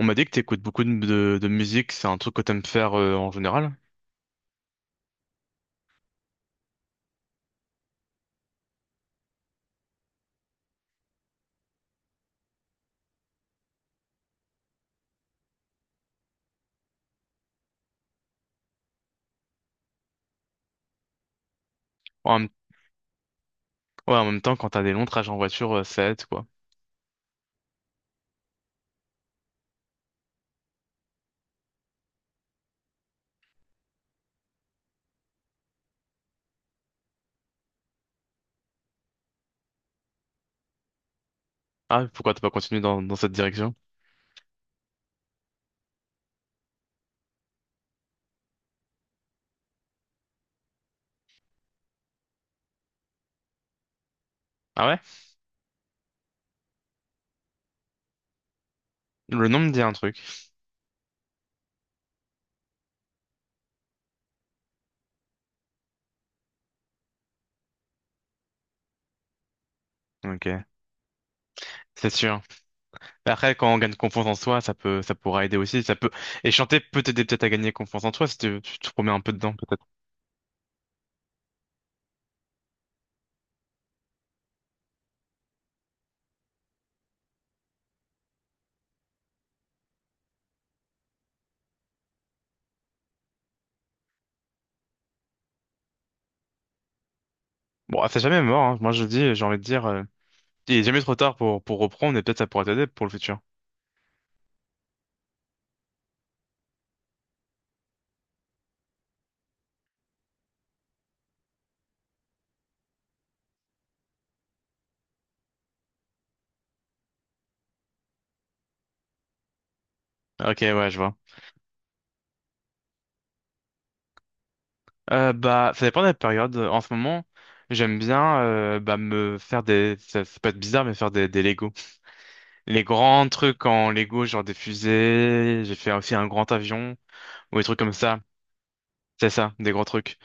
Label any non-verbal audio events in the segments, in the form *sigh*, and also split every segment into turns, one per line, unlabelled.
On m'a dit que t'écoutes beaucoup de musique, c'est un truc que t'aimes faire en général. En, même- ouais, en même temps, quand t'as des longs trajets en voiture, ça aide, quoi. Ah, pourquoi t'as pas continué dans cette direction? Ah ouais? Le nom me dit un truc. Ok, c'est sûr. Après, quand on gagne confiance en soi, ça pourra aider aussi. Et chanter peut t'aider peut-être à gagner confiance en toi si tu te remets un peu dedans, peut-être. Bon, c'est jamais mort, hein. Moi, je dis, j'ai envie de dire, il est jamais trop tard pour reprendre et peut-être ça pourra t'aider pour le futur. Ok, ouais, je vois. Bah, ça dépend de la période. En ce moment, j'aime bien bah, Ça, ça peut être bizarre, mais faire des Lego. Les grands trucs en Lego, genre des fusées, j'ai fait aussi un grand avion, ou des trucs comme ça. C'est ça, des grands trucs.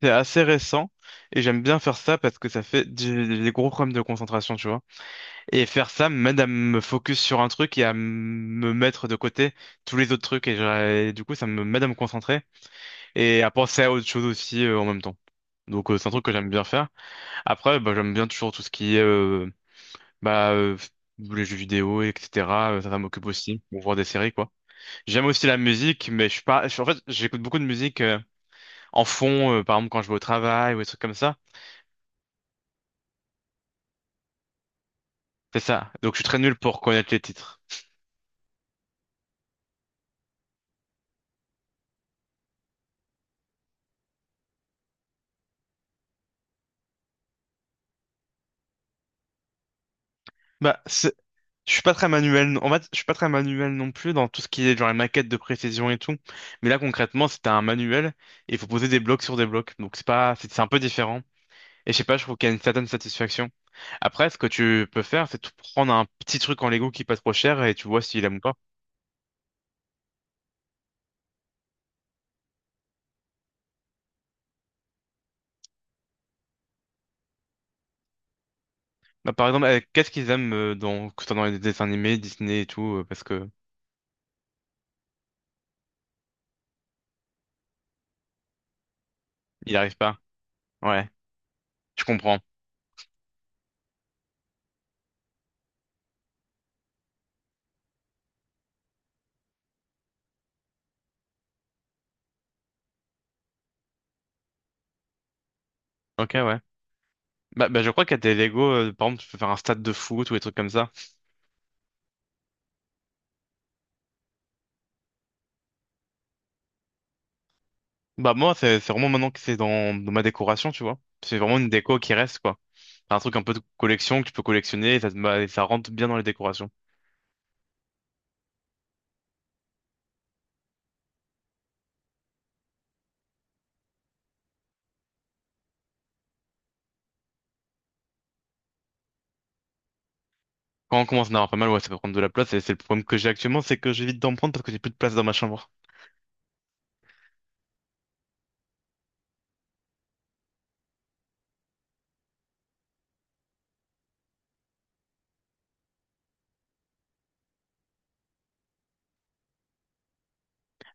C'est assez récent, et j'aime bien faire ça parce que ça fait des gros problèmes de concentration, tu vois. Et faire ça m'aide à me focus sur un truc et à me mettre de côté tous les autres trucs. Et du coup, ça me m'aide à me concentrer et à penser à autre chose aussi en même temps. Donc, c'est un truc que j'aime bien faire. Après, bah, j'aime bien toujours tout ce qui est bah, les jeux vidéo, etc. Ça, ça m'occupe aussi, ou voir des séries, quoi. J'aime aussi la musique, mais je suis pas... en fait, j'écoute beaucoup de musique en fond, par exemple quand je vais au travail ou des trucs comme ça. C'est ça. Donc, je suis très nul pour connaître les titres. Bah, je suis pas très manuel, en fait, je suis pas très manuel non plus dans tout ce qui est genre les maquettes de précision et tout. Mais là, concrètement, c'était un manuel et il faut poser des blocs sur des blocs. Donc c'est pas, c'est un peu différent. Et je sais pas, je trouve qu'il y a une certaine satisfaction. Après, ce que tu peux faire, c'est tout prendre un petit truc en Lego qui est pas trop cher et tu vois s'il aime ou pas. Bah, par exemple, qu'est-ce qu'ils aiment que ce soit dans les dessins animés, Disney et tout, parce que il arrive pas. Ouais, je comprends. Ok, ouais. Bah, je crois qu'il y a des Lego, par exemple, tu peux faire un stade de foot ou des trucs comme ça. Bah moi c'est vraiment maintenant que c'est dans ma décoration, tu vois. C'est vraiment une déco qui reste, quoi. Enfin, un truc un peu de collection que tu peux collectionner et ça, bah, et ça rentre bien dans les décorations. Quand on commence à en avoir pas mal, ouais, ça peut prendre de la place, et c'est le problème que j'ai actuellement, c'est que j'évite d'en prendre parce que j'ai plus de place dans ma chambre.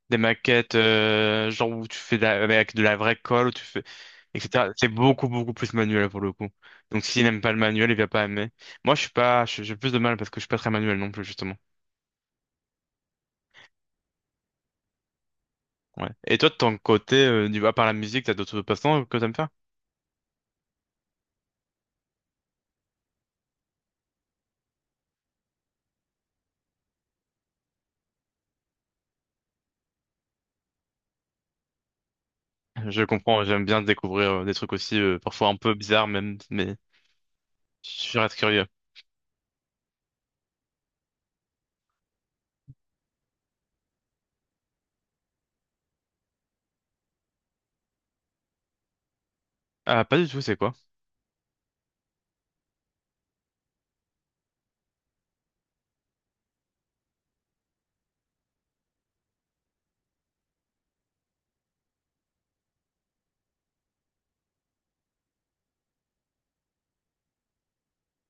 Des maquettes, genre où tu fais avec de la vraie colle, où tu fais, etc. C'est beaucoup, beaucoup plus manuel pour le coup. Donc s'il n'aime pas le manuel, il va pas aimer. Moi, je suis pas, je- j'ai plus de mal parce que je suis pas très manuel non plus, justement. Ouais. Et toi, de ton côté, à part la musique, t'as d'autres passe-temps que t'aimes faire? Je comprends, j'aime bien découvrir des trucs aussi, parfois un peu bizarres même, mais je reste curieux. Ah, pas du tout, c'est quoi?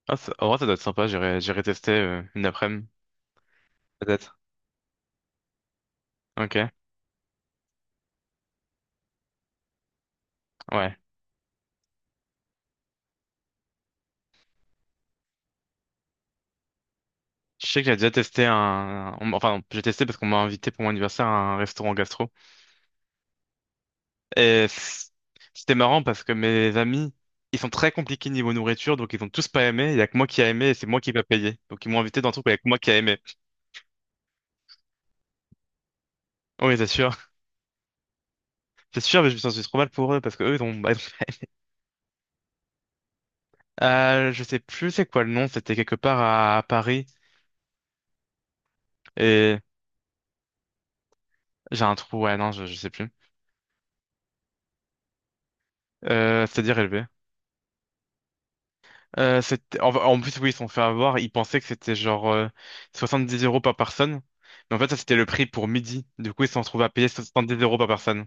Ah, en vrai, ça doit être sympa, j'irai tester une après-midi, peut-être. Ok, ouais. Je sais que j'ai déjà testé enfin, non, j'ai testé parce qu'on m'a invité pour mon anniversaire à un restaurant gastro. Et c'était marrant parce que mes amis, ils sont très compliqués niveau nourriture, donc ils ont tous pas aimé. Il y a que moi qui a aimé et c'est moi qui va payer. Donc ils m'ont invité dans un truc où il y a que moi qui a aimé. Oui, c'est sûr. *laughs* C'est sûr, mais je me sens trop mal pour eux parce que eux, ils ont... bah, ils ont- Je sais plus c'est quoi le nom, c'était quelque part à Paris. Et j'ai un trou, ouais, non, je sais plus. C'est-à-dire élevé. En plus, oui, ils se sont fait avoir. Ils pensaient que c'était genre 70 € par personne. Mais en fait, ça, c'était le prix pour midi. Du coup, ils se sont retrouvés à payer 70 € par personne.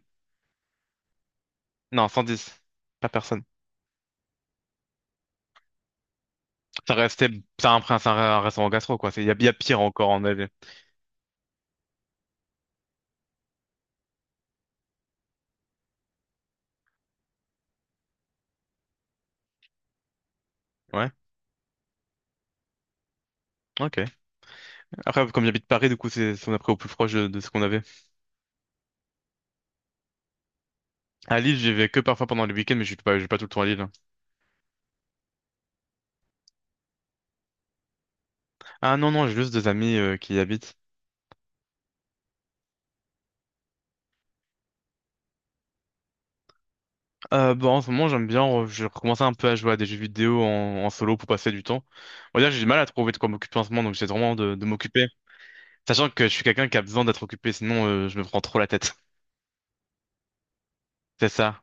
Non, 110. Par personne. Ça restait... C'est un restaurant gastro, quoi. Il y a, pire encore en avait. Ouais, ok. Après, comme j'habite Paris, du coup, on a pris au plus proche de ce qu'on avait. À Lille, j'y vais que parfois pendant les week-ends, mais je suis pas tout le temps à Lille, hein. Ah non, non, j'ai juste des amis qui y habitent. Bah, en ce moment, j'aime bien, je recommençais un peu à jouer à des jeux vidéo en solo pour passer du temps. On va dire, j'ai du mal à trouver de quoi m'occuper en ce moment, donc j'essaie vraiment de m'occuper. Sachant que je suis quelqu'un qui a besoin d'être occupé, sinon je me prends trop la tête. *laughs* C'est ça.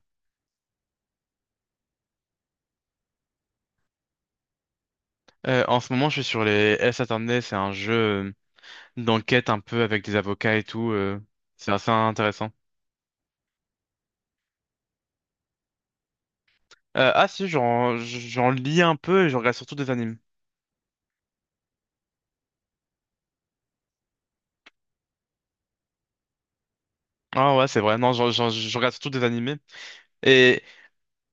En ce moment, je suis sur les S. Attorney, c'est un jeu d'enquête un peu avec des avocats et tout, c'est assez intéressant. Ah si, j'en lis un peu et je regarde surtout des animes. Ah ouais, c'est vrai. Non, je regarde surtout des animés. Et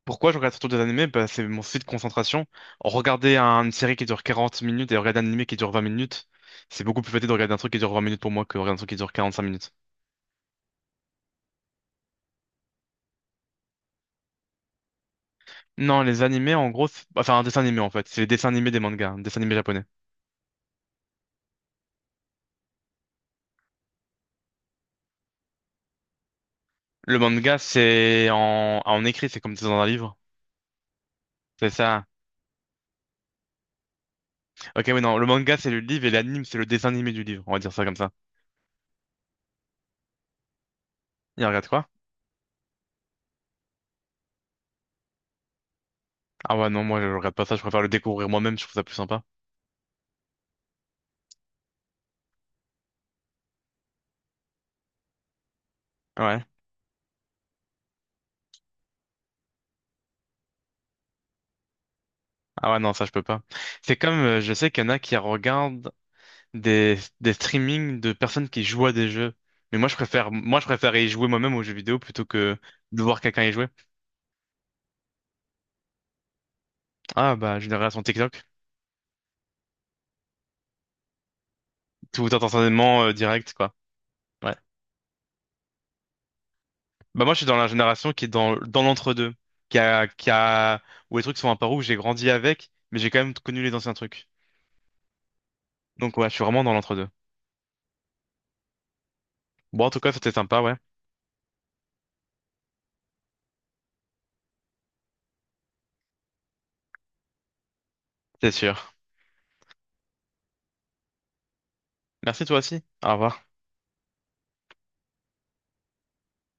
pourquoi je regarde surtout des animés? Bah, c'est mon site de concentration. Regarder une série qui dure 40 minutes et regarder un animé qui dure 20 minutes, c'est beaucoup plus facile de regarder un truc qui dure 20 minutes pour moi que regarder un truc qui dure 45 minutes. Non, les animés, en gros, enfin un dessin animé en fait, c'est les dessins animés des mangas, un dessin animé japonais. Le manga, c'est en écrit, c'est comme c'est dans un livre. C'est ça. Ok, oui, non, le manga, c'est le livre et l'anime, c'est le dessin animé du livre, on va dire ça comme ça. Il regarde quoi? Ah ouais, non, moi je regarde pas ça, je préfère le découvrir moi-même, je trouve ça plus sympa. Ouais. Ah ouais, non, ça je peux pas. C'est comme, je sais qu'il y en a qui regardent des streamings de personnes qui jouent à des jeux. Mais moi, moi, je préfère y jouer moi-même aux jeux vidéo plutôt que de voir quelqu'un y jouer. Ah, bah, génération TikTok. Tout instantanément, direct, quoi. Ouais. Bah, moi, je suis dans la génération qui est dans l'entre-deux. Qui a, qui a, Où les trucs sont un peu où j'ai grandi avec, mais j'ai quand même connu les anciens trucs. Donc, ouais, je suis vraiment dans l'entre-deux. Bon, en tout cas, c'était sympa, ouais. C'est sûr. Merci toi aussi. Au revoir.